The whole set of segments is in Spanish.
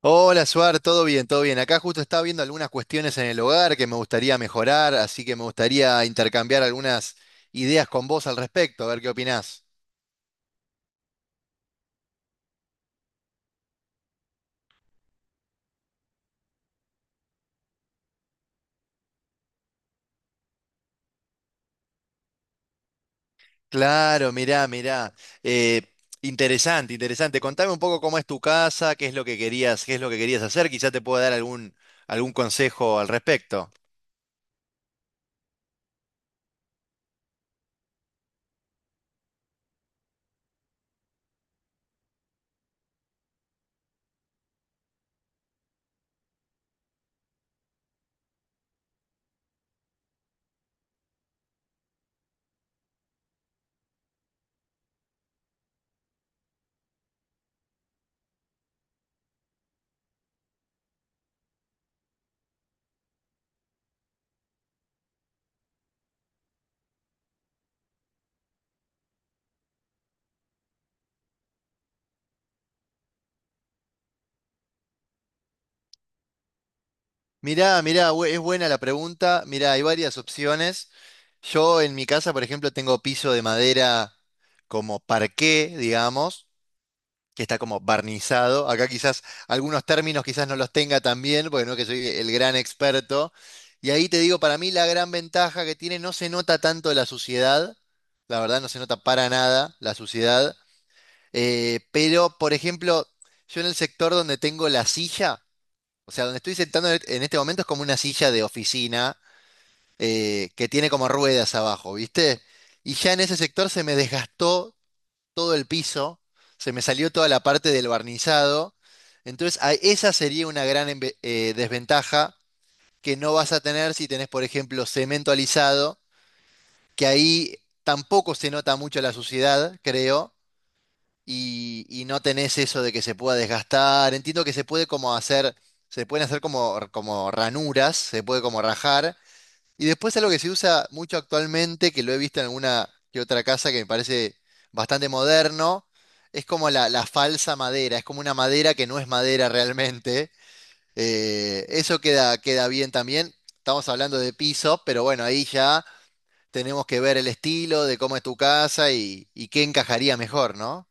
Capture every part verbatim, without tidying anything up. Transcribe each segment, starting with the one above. Hola, Suar, todo bien, todo bien. Acá justo estaba viendo algunas cuestiones en el hogar que me gustaría mejorar, así que me gustaría intercambiar algunas ideas con vos al respecto, a ver qué opinás. Claro, mirá, mirá. Eh, Interesante, interesante. Contame un poco cómo es tu casa, qué es lo que querías, qué es lo que querías hacer, quizá te pueda dar algún, algún consejo al respecto. Mirá, mirá, bu- es buena la pregunta. Mirá, hay varias opciones. Yo en mi casa, por ejemplo, tengo piso de madera como parqué, digamos, que está como barnizado. Acá quizás algunos términos quizás no los tenga tan bien, porque no que soy el gran experto. Y ahí te digo, para mí la gran ventaja que tiene, no se nota tanto la suciedad, la verdad no se nota para nada la suciedad. Eh, pero por ejemplo, yo en el sector donde tengo la silla, o sea, donde estoy sentando en en este momento es como una silla de oficina eh, que tiene como ruedas abajo, ¿viste? Y ya en ese sector se me desgastó todo el piso, se me salió toda la parte del barnizado. Entonces, a- esa sería una gran embe- eh, desventaja que no vas a tener si tenés, por ejemplo, cemento alisado, que ahí tampoco se nota mucho la suciedad, creo, y, y no tenés eso de que se pueda desgastar. Entiendo que se puede como hacer, se pueden hacer como, como ranuras, se puede como rajar, y después algo que se usa mucho actualmente, que lo he visto en alguna que otra casa, que me parece bastante moderno, es como la, la falsa madera, es como una madera que no es madera realmente. Eh, eso queda, queda bien también. Estamos hablando de piso, pero bueno, ahí ya tenemos que ver el estilo de cómo es tu casa y, y qué encajaría mejor, ¿no?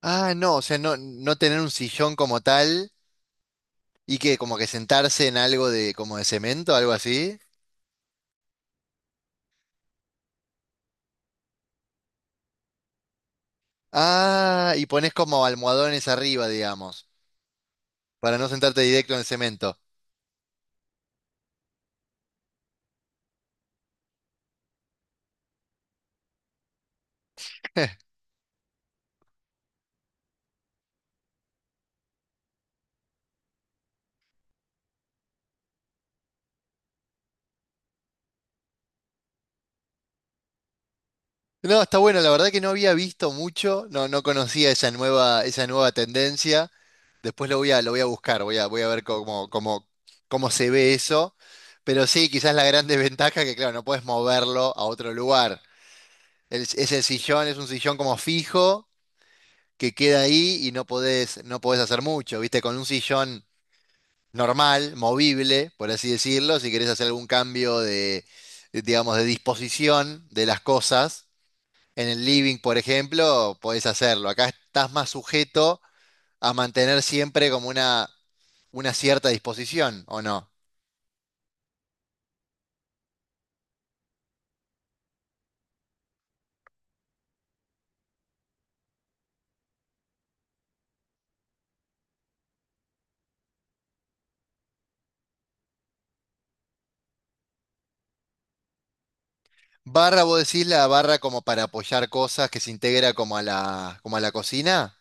Ah, no, o sea, no, no tener un sillón como tal y que como que sentarse en algo de como de cemento, algo así. Ah, y pones como almohadones arriba, digamos, para no sentarte directo en el cemento. No, está bueno, la verdad que no había visto mucho, no, no conocía esa nueva, esa nueva tendencia. Después lo voy a, lo voy a buscar, voy a, voy a ver cómo, cómo, cómo se ve eso. Pero sí, quizás la gran desventaja que, claro, no puedes moverlo a otro lugar. El, es el sillón, es un sillón como fijo, que queda ahí y no podés, no podés hacer mucho, ¿viste? Con un sillón normal, movible, por así decirlo, si querés hacer algún cambio de, de, digamos, de disposición de las cosas. En el living, por ejemplo, podés hacerlo. Acá estás más sujeto a mantener siempre como una, una cierta disposición, ¿o no? Barra, vos decís la barra como para apoyar cosas que se integra como a la, como a la cocina.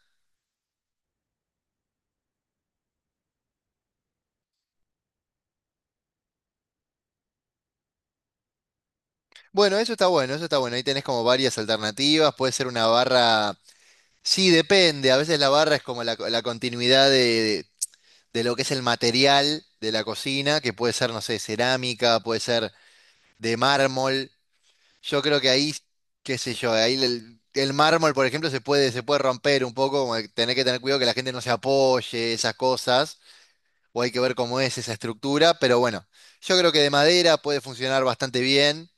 Bueno, eso está bueno, eso está bueno. Ahí tenés como varias alternativas. Puede ser una barra. Sí, depende. A veces la barra es como la, la continuidad de, de lo que es el material de la cocina, que puede ser, no sé, cerámica, puede ser de mármol. Yo creo que ahí, qué sé yo, ahí el, el mármol, por ejemplo, se puede, se puede romper un poco, como que tener que tener cuidado que la gente no se apoye, esas cosas, o hay que ver cómo es esa estructura, pero bueno, yo creo que de madera puede funcionar bastante bien.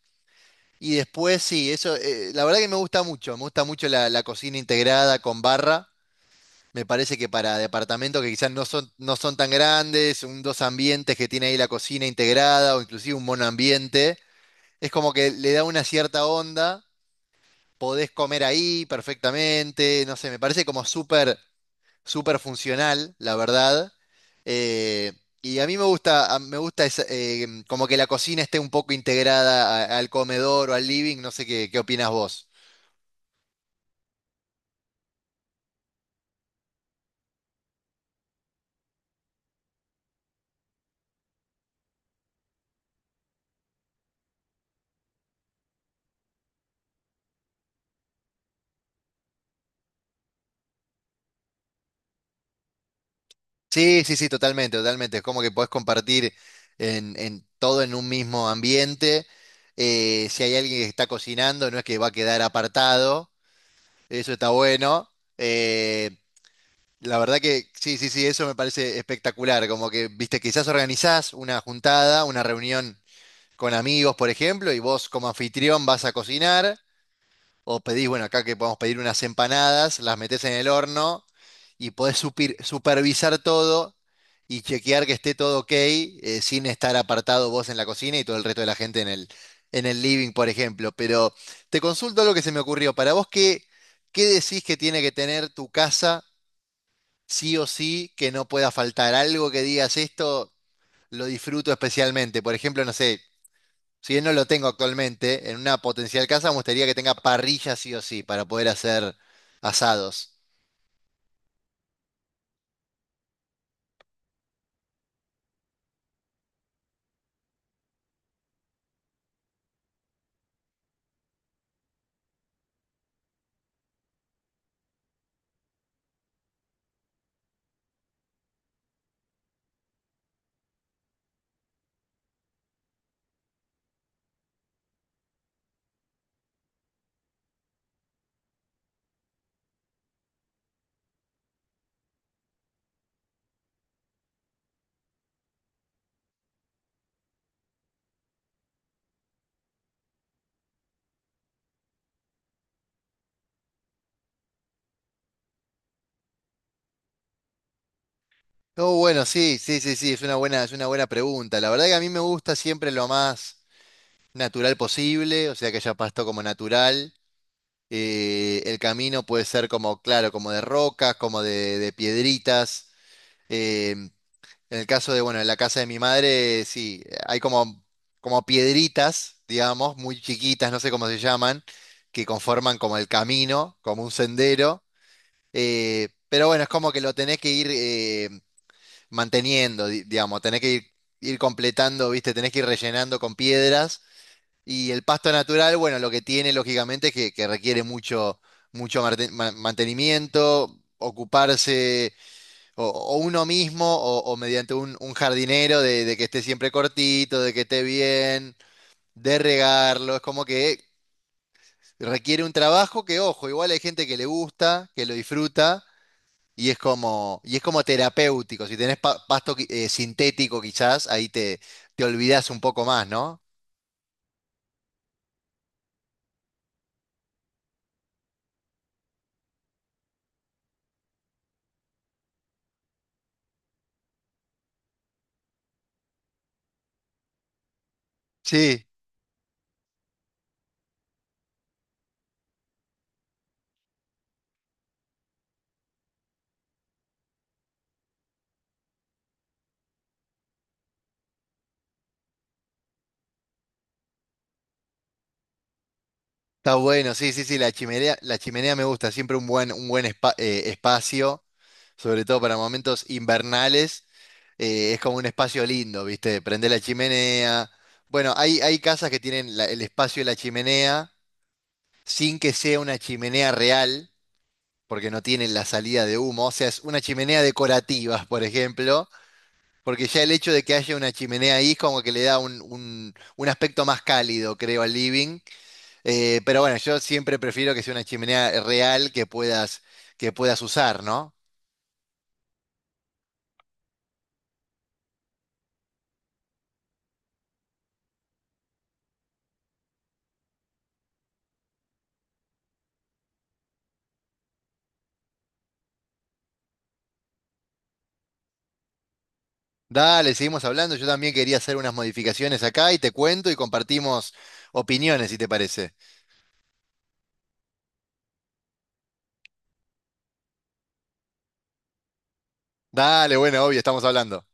Y después sí, eso, eh, la verdad que me gusta mucho, me gusta mucho la, la cocina integrada con barra. Me parece que para departamentos que quizás no son, no son tan grandes, un dos ambientes que tiene ahí la cocina integrada, o inclusive un monoambiente, es como que le da una cierta onda, podés comer ahí perfectamente, no sé, me parece como súper, súper funcional, la verdad. Eh, y a mí me gusta, a- me gusta esa- eh, como que la cocina esté un poco integrada a- al comedor o al living, no sé qué, qué opinas vos. Sí, sí, sí, totalmente, totalmente. Es como que podés compartir en, en todo en un mismo ambiente. Eh, si hay alguien que está cocinando, no es que va a quedar apartado. Eso está bueno. Eh, la verdad que sí, sí, sí, eso me parece espectacular. Como que, viste, quizás organizás una juntada, una reunión con amigos, por ejemplo, y vos como anfitrión vas a cocinar. O pedís, bueno, acá que podemos pedir unas empanadas, las metés en el horno y podés supir- supervisar todo y chequear que esté todo ok, eh, sin estar apartado vos en la cocina y todo el resto de la gente en el, en el living, por ejemplo. Pero te consulto lo que se me ocurrió. Para vos, ¿qué, qué decís que tiene que tener tu casa sí o sí que no pueda faltar? Algo que digas esto lo disfruto especialmente. Por ejemplo, no sé si bien no lo tengo actualmente, en una potencial casa me gustaría que tenga parrilla sí o sí para poder hacer asados. Oh, bueno, sí, sí, sí, sí, es una buena, es una buena pregunta. La verdad que a mí me gusta siempre lo más natural posible, o sea que haya pasto como natural. Eh, el camino puede ser como, claro, como de rocas, como de, de piedritas. eh, En el caso de, bueno, en la casa de mi madre, sí, hay como, como piedritas, digamos, muy chiquitas, no sé cómo se llaman, que conforman como el camino, como un sendero. Eh, pero bueno, es como que lo tenés que ir eh, manteniendo, di- digamos, tenés que ir, ir completando, ¿viste? Tenés que ir rellenando con piedras. Y el pasto natural, bueno, lo que tiene, lógicamente, es que, que requiere mucho, mucho marte- ma- mantenimiento, ocuparse o, o uno mismo, o, o mediante un, un jardinero de, de que esté siempre cortito, de que esté bien, de regarlo. Es como que requiere un trabajo que, ojo, igual hay gente que le gusta, que lo disfruta, y es como, y es como terapéutico. Si tenés pa- pasto qui- eh, sintético, quizás, ahí te, te olvidás un poco más, ¿no? Sí, está bueno, sí, sí, sí, la chimenea, la chimenea me gusta, siempre un buen, un buen espa- eh, espacio, sobre todo para momentos invernales. Eh, es como un espacio lindo, ¿viste? Prende la chimenea. Bueno, hay, hay casas que tienen la- el espacio de la chimenea sin que sea una chimenea real, porque no tienen la salida de humo. O sea, es una chimenea decorativa, por ejemplo, porque ya el hecho de que haya una chimenea ahí es como que le da un, un- un aspecto más cálido, creo, al living. Eh, pero bueno, yo siempre prefiero que sea una chimenea real que puedas, que puedas usar, ¿no? Dale, seguimos hablando. Yo también quería hacer unas modificaciones acá y te cuento y compartimos opiniones, si te parece. Dale, bueno, obvio, estamos hablando.